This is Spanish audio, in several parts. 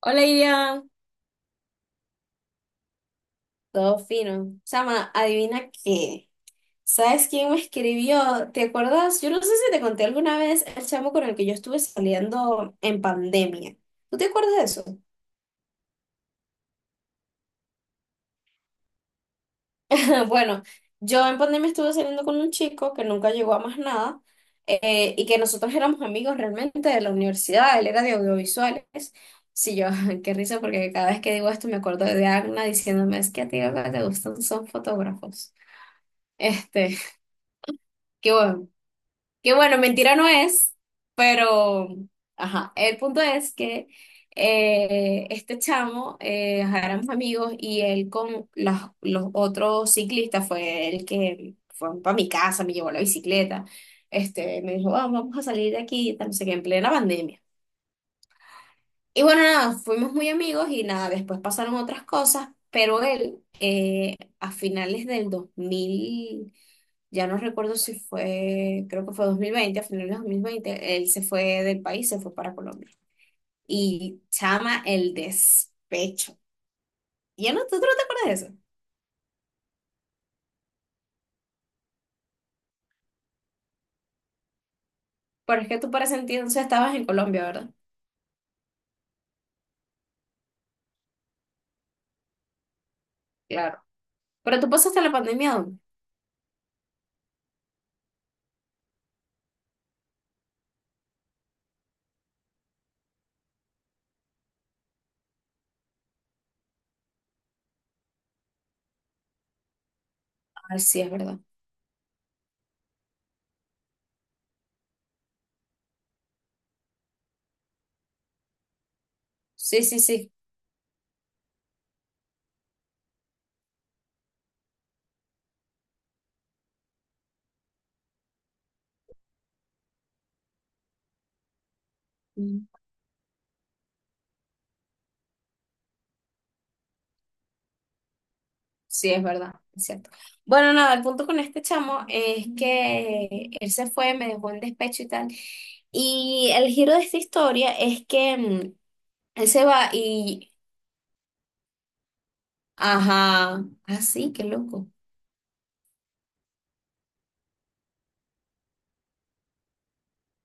Hola, Iria. Todo fino. Chama, adivina qué. ¿Sabes quién me escribió? ¿Te acuerdas? Yo no sé si te conté alguna vez el chamo con el que yo estuve saliendo en pandemia. ¿Tú te acuerdas de eso? Bueno, yo en pandemia estuve saliendo con un chico que nunca llegó a más nada y que nosotros éramos amigos realmente de la universidad. Él era de audiovisuales. Sí, yo, qué risa porque cada vez que digo esto me acuerdo de Agna diciéndome, es que a ti lo que te gustan son fotógrafos. Este, qué bueno. Que bueno, mentira no es, pero, ajá, el punto es que este chamo, ajá, éramos amigos y él con los otros ciclistas fue el que fue para mi casa, me llevó la bicicleta, me dijo, "Ah, vamos a salir de aquí, y tal, no sé qué, en plena pandemia. Y bueno, nada, fuimos muy amigos y nada, después pasaron otras cosas, pero él a finales del 2000 ya no recuerdo si fue, creo que fue 2020, a finales de 2020 él se fue del país, se fue para Colombia. Y chama el despecho. Ya no, tú no te acuerdas de eso. Pero es que tú para ese entonces estabas en Colombia, ¿verdad? Claro. Pero tú pasaste la pandemia, ¿dónde? Ah, sí, es verdad. Sí, sí, sí. Mm. Sí, es verdad, es cierto. Bueno, nada, el punto con este chamo es que él se fue, me dejó en despecho y tal. Y el giro de esta historia es que él se va y ajá. Ah, sí, qué loco.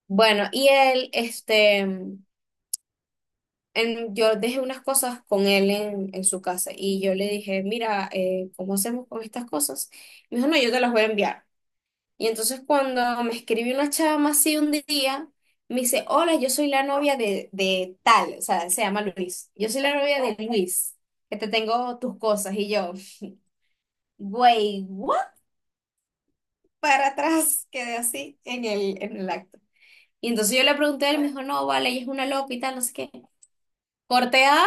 Bueno, y él, yo dejé unas cosas con él en su casa y yo le dije, mira, ¿cómo hacemos con estas cosas? Me dijo, no, yo te las voy a enviar. Y entonces cuando me escribió una chama así un día, me dice, hola, yo soy la novia de tal, o sea, se llama Luis. Yo soy la novia de Luis, que te tengo tus cosas. Y yo, güey, ¿what? Para atrás, quedé así en en el acto. Y entonces yo le pregunté a él, me dijo, no, vale, ella es una loca y tal, no sé qué. Corte A,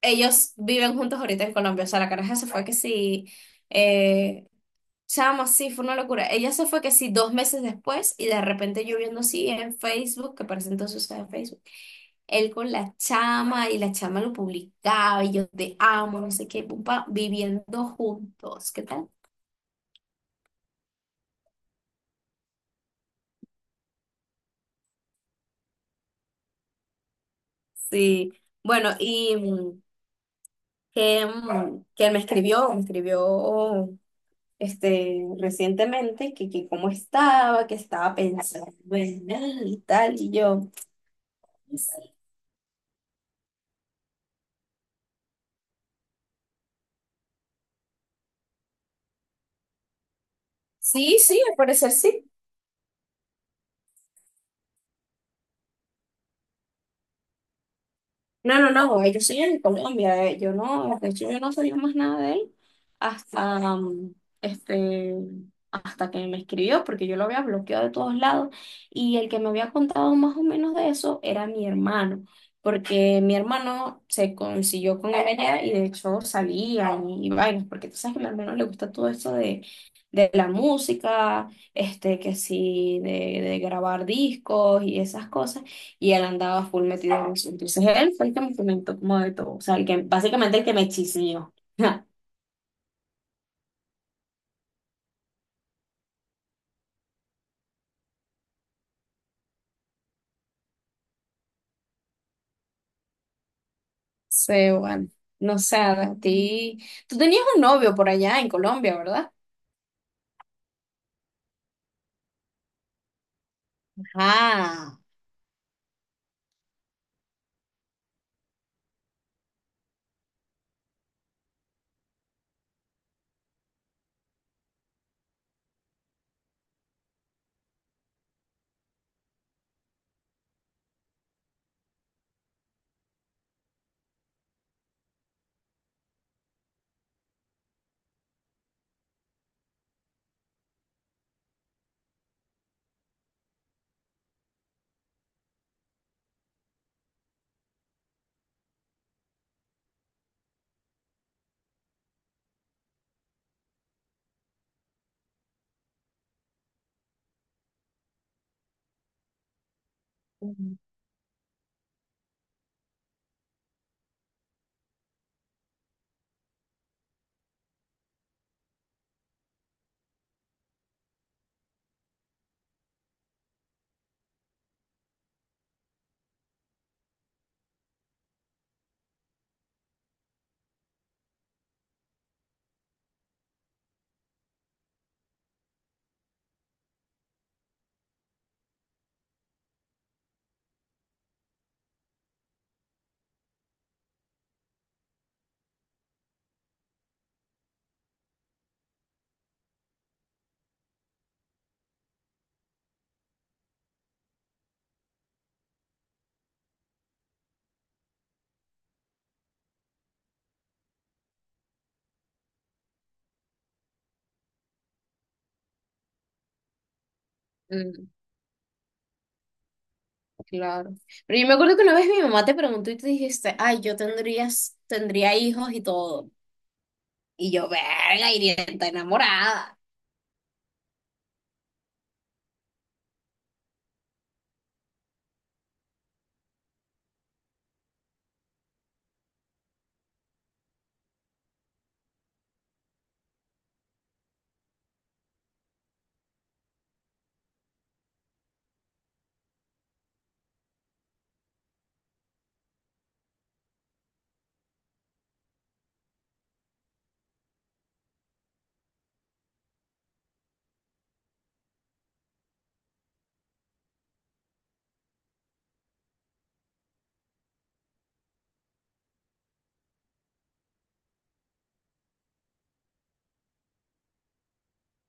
ellos viven juntos ahorita en Colombia. O sea, la caraja se fue que sí, eh, chama, sí, fue una locura. Ella se fue que sí dos meses después y de repente yo viendo así en Facebook, que parece entonces usaba Facebook, él con la chama y la chama lo publicaba y yo te amo, no sé qué, pum, pa, viviendo juntos, ¿qué tal? Sí, bueno, y que él me escribió recientemente que cómo estaba, que estaba pensando en él y tal, y yo, sí, sí, al parecer sí. No, no, no, ellos siguen en Colombia, yo no, de hecho yo no sabía más nada de él hasta, um, este, hasta que me escribió, porque yo lo había bloqueado de todos lados y el que me había contado más o menos de eso era mi hermano, porque mi hermano se consiguió con él allá y de hecho salían y vainas, porque tú sabes que a mi hermano le gusta todo esto de la música, que sí, de grabar discos y esas cosas y él andaba full metido en eso. Entonces él fue el que me comentó como de todo, o sea, básicamente el que me chismeó. Sí, bueno, no sé, a ti. Tú tenías un novio por allá en Colombia, ¿verdad? Ah, ujú. Mm, claro. Pero yo me acuerdo que una vez mi mamá te preguntó y tú dijiste, ay, tendría hijos y todo. Y yo, verga, iría tan enamorada.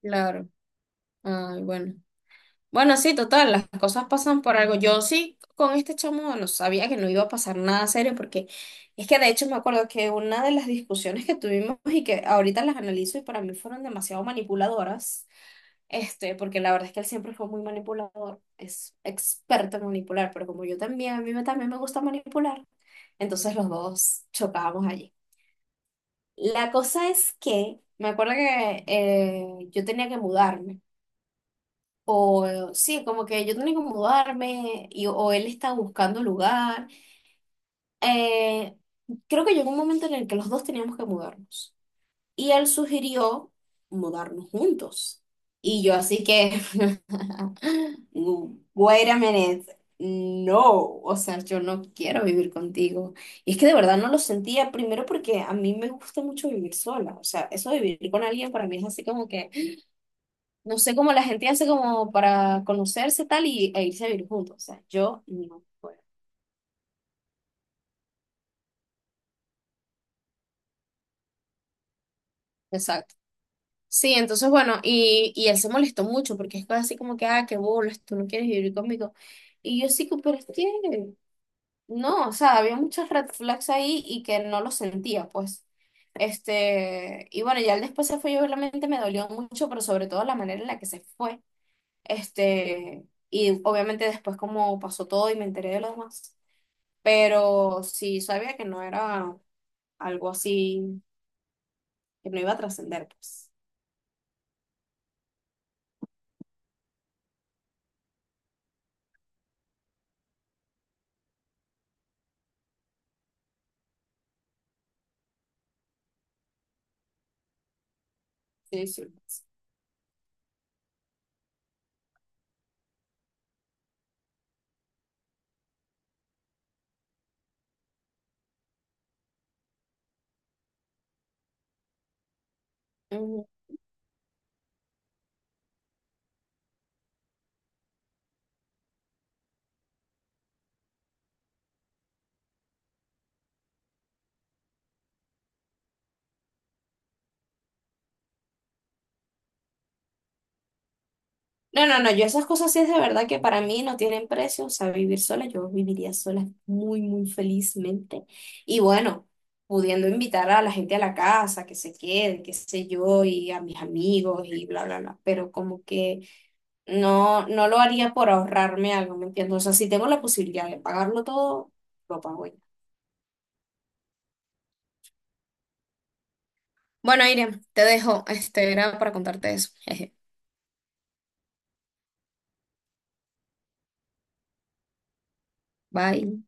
Claro. Ay, bueno. Bueno, sí, total, las cosas pasan por algo. Yo sí, con este chamo, no sabía que no iba a pasar nada serio, porque es que de hecho me acuerdo que una de las discusiones que tuvimos y que ahorita las analizo y para mí fueron demasiado manipuladoras, porque la verdad es que él siempre fue muy manipulador, es experto en manipular, pero como yo también, también me gusta manipular, entonces los dos chocábamos allí. La cosa es que me acuerdo que yo tenía que mudarme. O como que yo tenía que mudarme y, o él estaba buscando lugar. Eh, creo que llegó un momento en el que los dos teníamos que mudarnos. Y él sugirió mudarnos juntos. Y yo así que, wait a minute, no, o sea, yo no quiero vivir contigo. Y es que de verdad no lo sentía, primero porque a mí me gusta mucho vivir sola. O sea, eso de vivir con alguien para mí es así como que... No sé cómo la gente hace como para conocerse tal e irse a vivir juntos. O sea, yo no puedo. Exacto. Sí, entonces bueno, y él se molestó mucho porque es así como que, ah, qué bolas, tú no quieres vivir conmigo. Y yo sí, que, pero es que no, o sea, había muchas red flags ahí y que no lo sentía, pues. Y bueno, ya él después se fue y obviamente me dolió mucho, pero sobre todo la manera en la que se fue. Y obviamente después como pasó todo y me enteré de lo demás. Pero sí sabía que no era algo así, que no iba a trascender, pues. Sí, sí, pues. Ujú. No, no, no, yo esas cosas sí es de verdad que para mí no tienen precio, o sea, vivir sola, yo viviría sola muy, muy felizmente. Y bueno, pudiendo invitar a la gente a la casa, que se quede, qué sé yo, y a mis amigos y bla, bla, bla, pero como que no, no lo haría por ahorrarme algo, ¿me entiendes? O sea, si tengo la posibilidad de pagarlo todo, lo pago ya. Bueno, Irene, te dejo. Este era para contarte eso. Jeje. Bye.